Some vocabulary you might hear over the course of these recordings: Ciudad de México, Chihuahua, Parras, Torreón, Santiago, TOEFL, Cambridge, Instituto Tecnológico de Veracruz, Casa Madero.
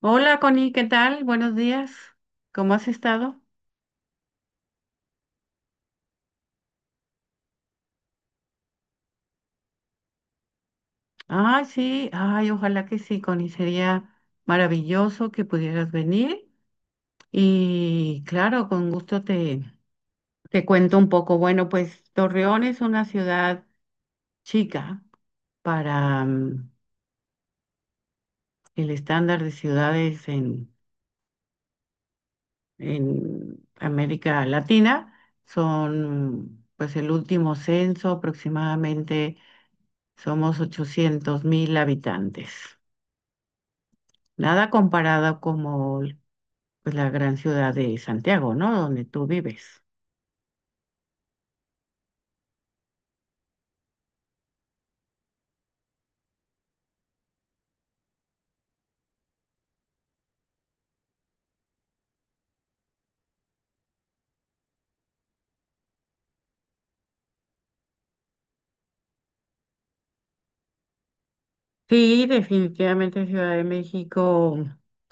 Hola Connie, ¿qué tal? Buenos días. ¿Cómo has estado? Ay, sí, ay, ojalá que sí, Connie. Sería maravilloso que pudieras venir. Y claro, con gusto te cuento un poco. Bueno, pues Torreón es una ciudad chica para el estándar de ciudades en América Latina. Son, pues el último censo aproximadamente, somos 800,000 habitantes. Nada comparado como pues, la gran ciudad de Santiago, ¿no? Donde tú vives. Sí, definitivamente Ciudad de México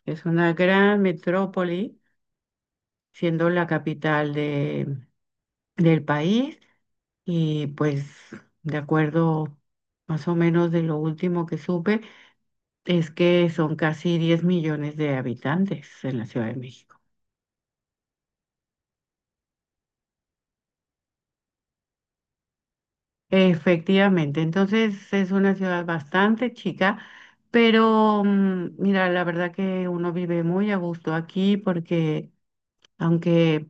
es una gran metrópoli, siendo la capital del país y pues de acuerdo más o menos de lo último que supe, es que son casi 10 millones de habitantes en la Ciudad de México. Efectivamente, entonces es una ciudad bastante chica, pero mira, la verdad que uno vive muy a gusto aquí porque aunque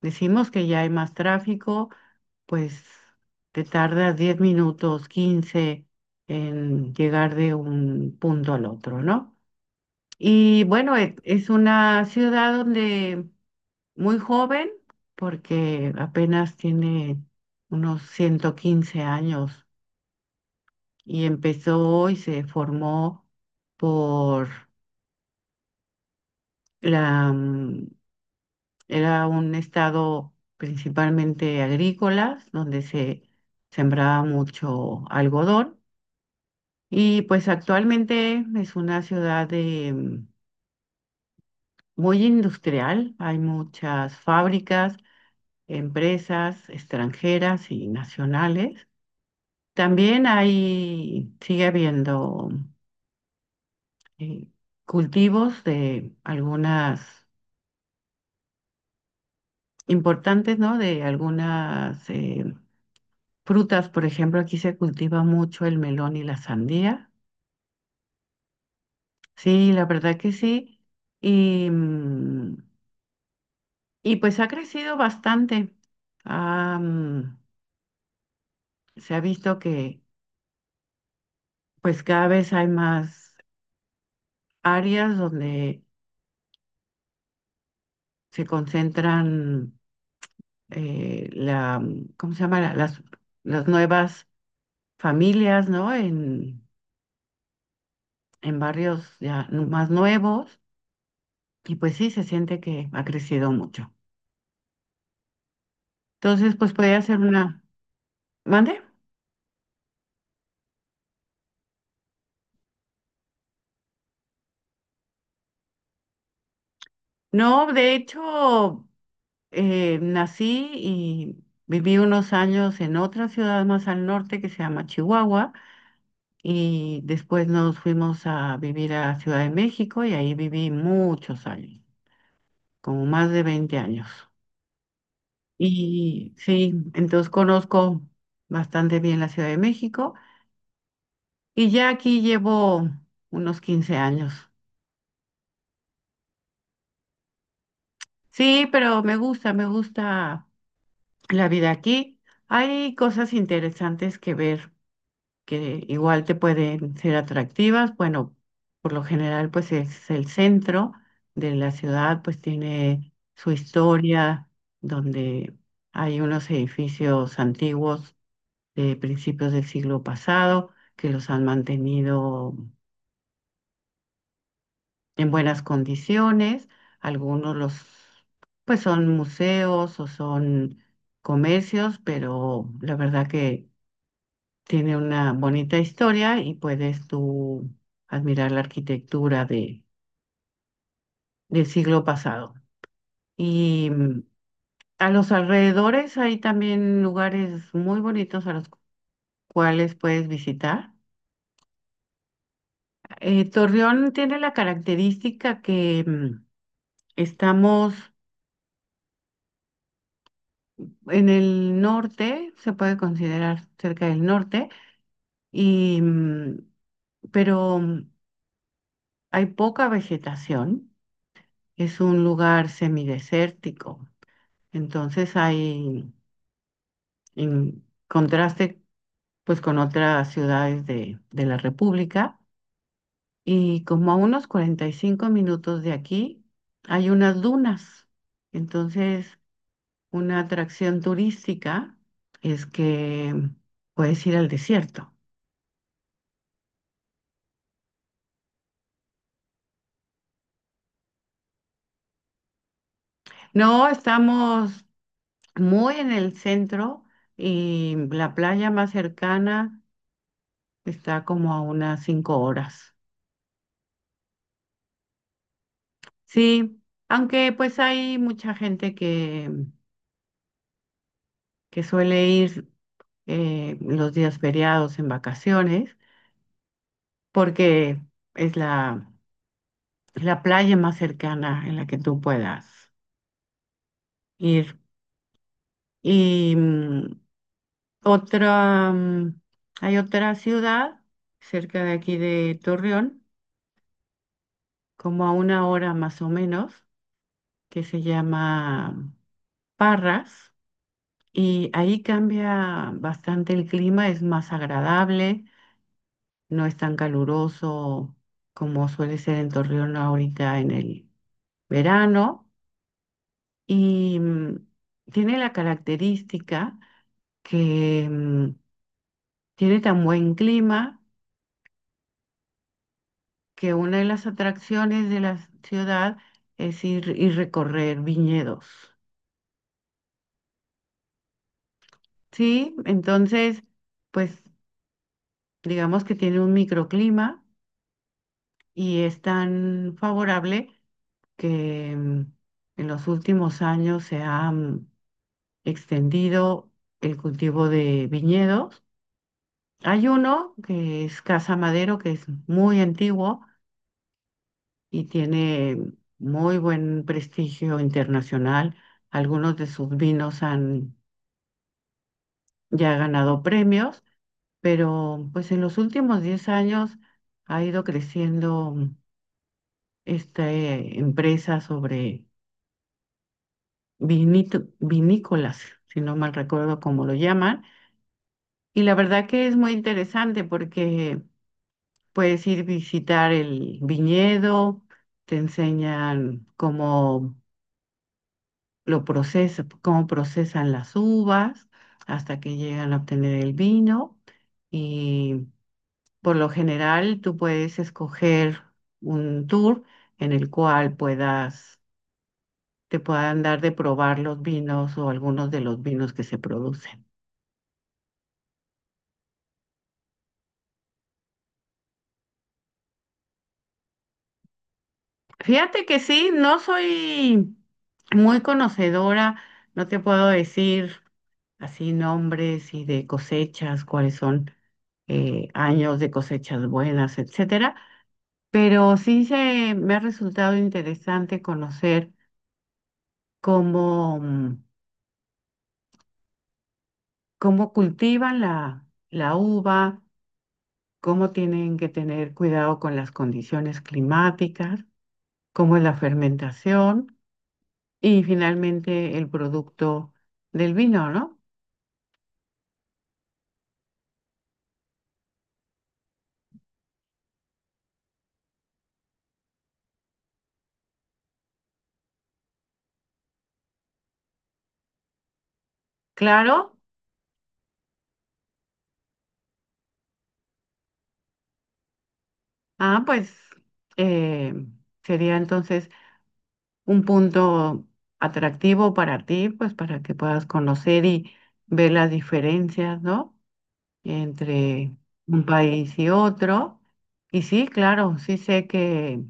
decimos que ya hay más tráfico, pues te tardas 10 minutos, 15 en llegar de un punto al otro, ¿no? Y bueno, es una ciudad donde muy joven porque apenas tiene unos 115 años. Y empezó y se formó por la, mm, era un estado principalmente agrícola, donde se sembraba mucho algodón. Y pues actualmente es una ciudad muy industrial, hay muchas fábricas, empresas extranjeras y nacionales. También sigue habiendo eh, cultivos de algunas importantes, ¿no? De algunas frutas, por ejemplo, aquí se cultiva mucho el melón y la sandía. Sí, la verdad que sí. Y, mm, y pues ha crecido bastante. Ah, se ha visto que pues cada vez hay más áreas donde se concentran ¿cómo se llama? Las nuevas familias, ¿no? En barrios ya más nuevos. Y pues sí, se siente que ha crecido mucho. Entonces, pues podía hacer una... ¿Mande? No, de hecho, nací y viví unos años en otra ciudad más al norte que se llama Chihuahua y después nos fuimos a vivir a Ciudad de México y ahí viví muchos años, como más de 20 años. Y sí, entonces conozco bastante bien la Ciudad de México y ya aquí llevo unos 15 años. Sí, pero me gusta la vida aquí. Hay cosas interesantes que ver que igual te pueden ser atractivas. Bueno, por lo general, pues es el centro de la ciudad, pues tiene su historia, donde hay unos edificios antiguos de principios del siglo pasado que los han mantenido en buenas condiciones. Algunos pues son museos o son comercios, pero la verdad que tiene una bonita historia y puedes tú admirar la arquitectura del siglo pasado. Y a los alrededores hay también lugares muy bonitos a los cuales puedes visitar. Torreón tiene la característica que estamos en el norte, se puede considerar cerca del norte, y, mm, pero hay poca vegetación, es un lugar semidesértico, entonces en contraste pues con otras ciudades de la República, y como a unos 45 minutos de aquí hay unas dunas, entonces una atracción turística es que puedes ir al desierto. No, estamos muy en el centro y la playa más cercana está como a unas 5 horas. Sí, aunque pues hay mucha gente que suele ir los días feriados en vacaciones porque es la playa más cercana en la que tú puedas ir. Y otra, mm, hay otra ciudad cerca de aquí de Torreón como a una hora más o menos, que se llama Parras, y ahí cambia bastante el clima, es más agradable, no es tan caluroso como suele ser en Torreón ahorita en el verano, y tiene la característica que tiene tan buen clima que una de las atracciones de la ciudad es ir y recorrer viñedos. Sí, entonces, pues digamos que tiene un microclima y es tan favorable que en los últimos años se ha extendido el cultivo de viñedos. Hay uno que es Casa Madero, que es muy antiguo y tiene muy buen prestigio internacional. Algunos de sus vinos han ya ganado premios, pero pues en los últimos 10 años ha ido creciendo esta empresa sobre vinícolas, si no mal recuerdo cómo lo llaman. Y la verdad que es muy interesante porque puedes ir visitar el viñedo, te enseñan cómo lo procesa, cómo procesan las uvas hasta que llegan a obtener el vino. Y por lo general tú puedes escoger un tour en el cual puedas te puedan dar de probar los vinos o algunos de los vinos que se producen. Fíjate que sí, no soy muy conocedora, no te puedo decir así nombres y de cosechas, cuáles son años de cosechas buenas, etcétera, pero sí me ha resultado interesante conocer cómo, mm, cómo cultivan la uva, cómo tienen que tener cuidado con las condiciones climáticas como es la fermentación y finalmente el producto del vino, ¿no? Claro, ah, pues eh, sería entonces un punto atractivo para ti, pues para que puedas conocer y ver las diferencias, ¿no? Entre un país y otro. Y sí, claro, sí sé que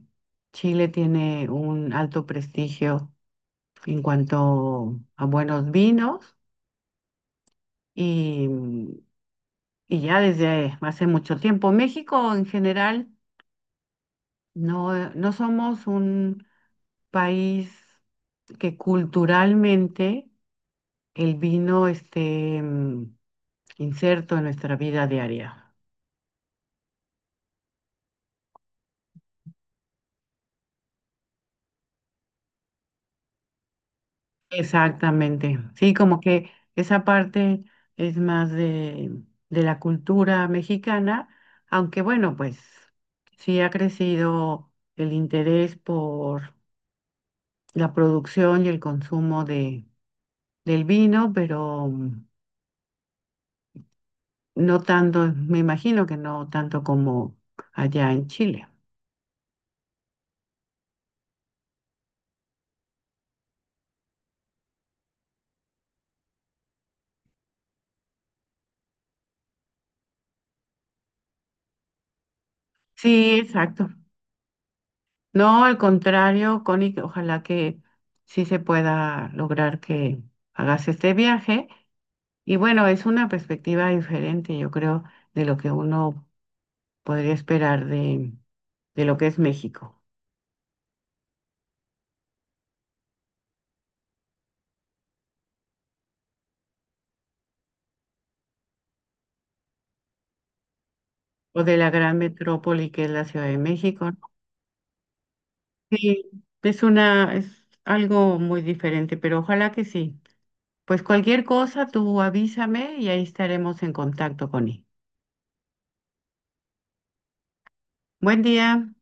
Chile tiene un alto prestigio en cuanto a buenos vinos y Y ya desde hace mucho tiempo, México en general no, no somos un país que culturalmente el vino esté inserto en nuestra vida diaria. Exactamente. Sí, como que esa parte es más de la cultura mexicana, aunque bueno, pues sí ha crecido el interés por la producción y el consumo del vino, pero no tanto, me imagino que no tanto como allá en Chile. Sí, exacto. No, al contrario, Connie, que ojalá que sí se pueda lograr que hagas este viaje. Y bueno, es una perspectiva diferente, yo creo, de lo que uno podría esperar de, lo que es México o de la gran metrópoli que es la Ciudad de México, ¿no? Sí, es algo muy diferente, pero ojalá que sí. Pues cualquier cosa, tú avísame y ahí estaremos en contacto, con él. Buen día.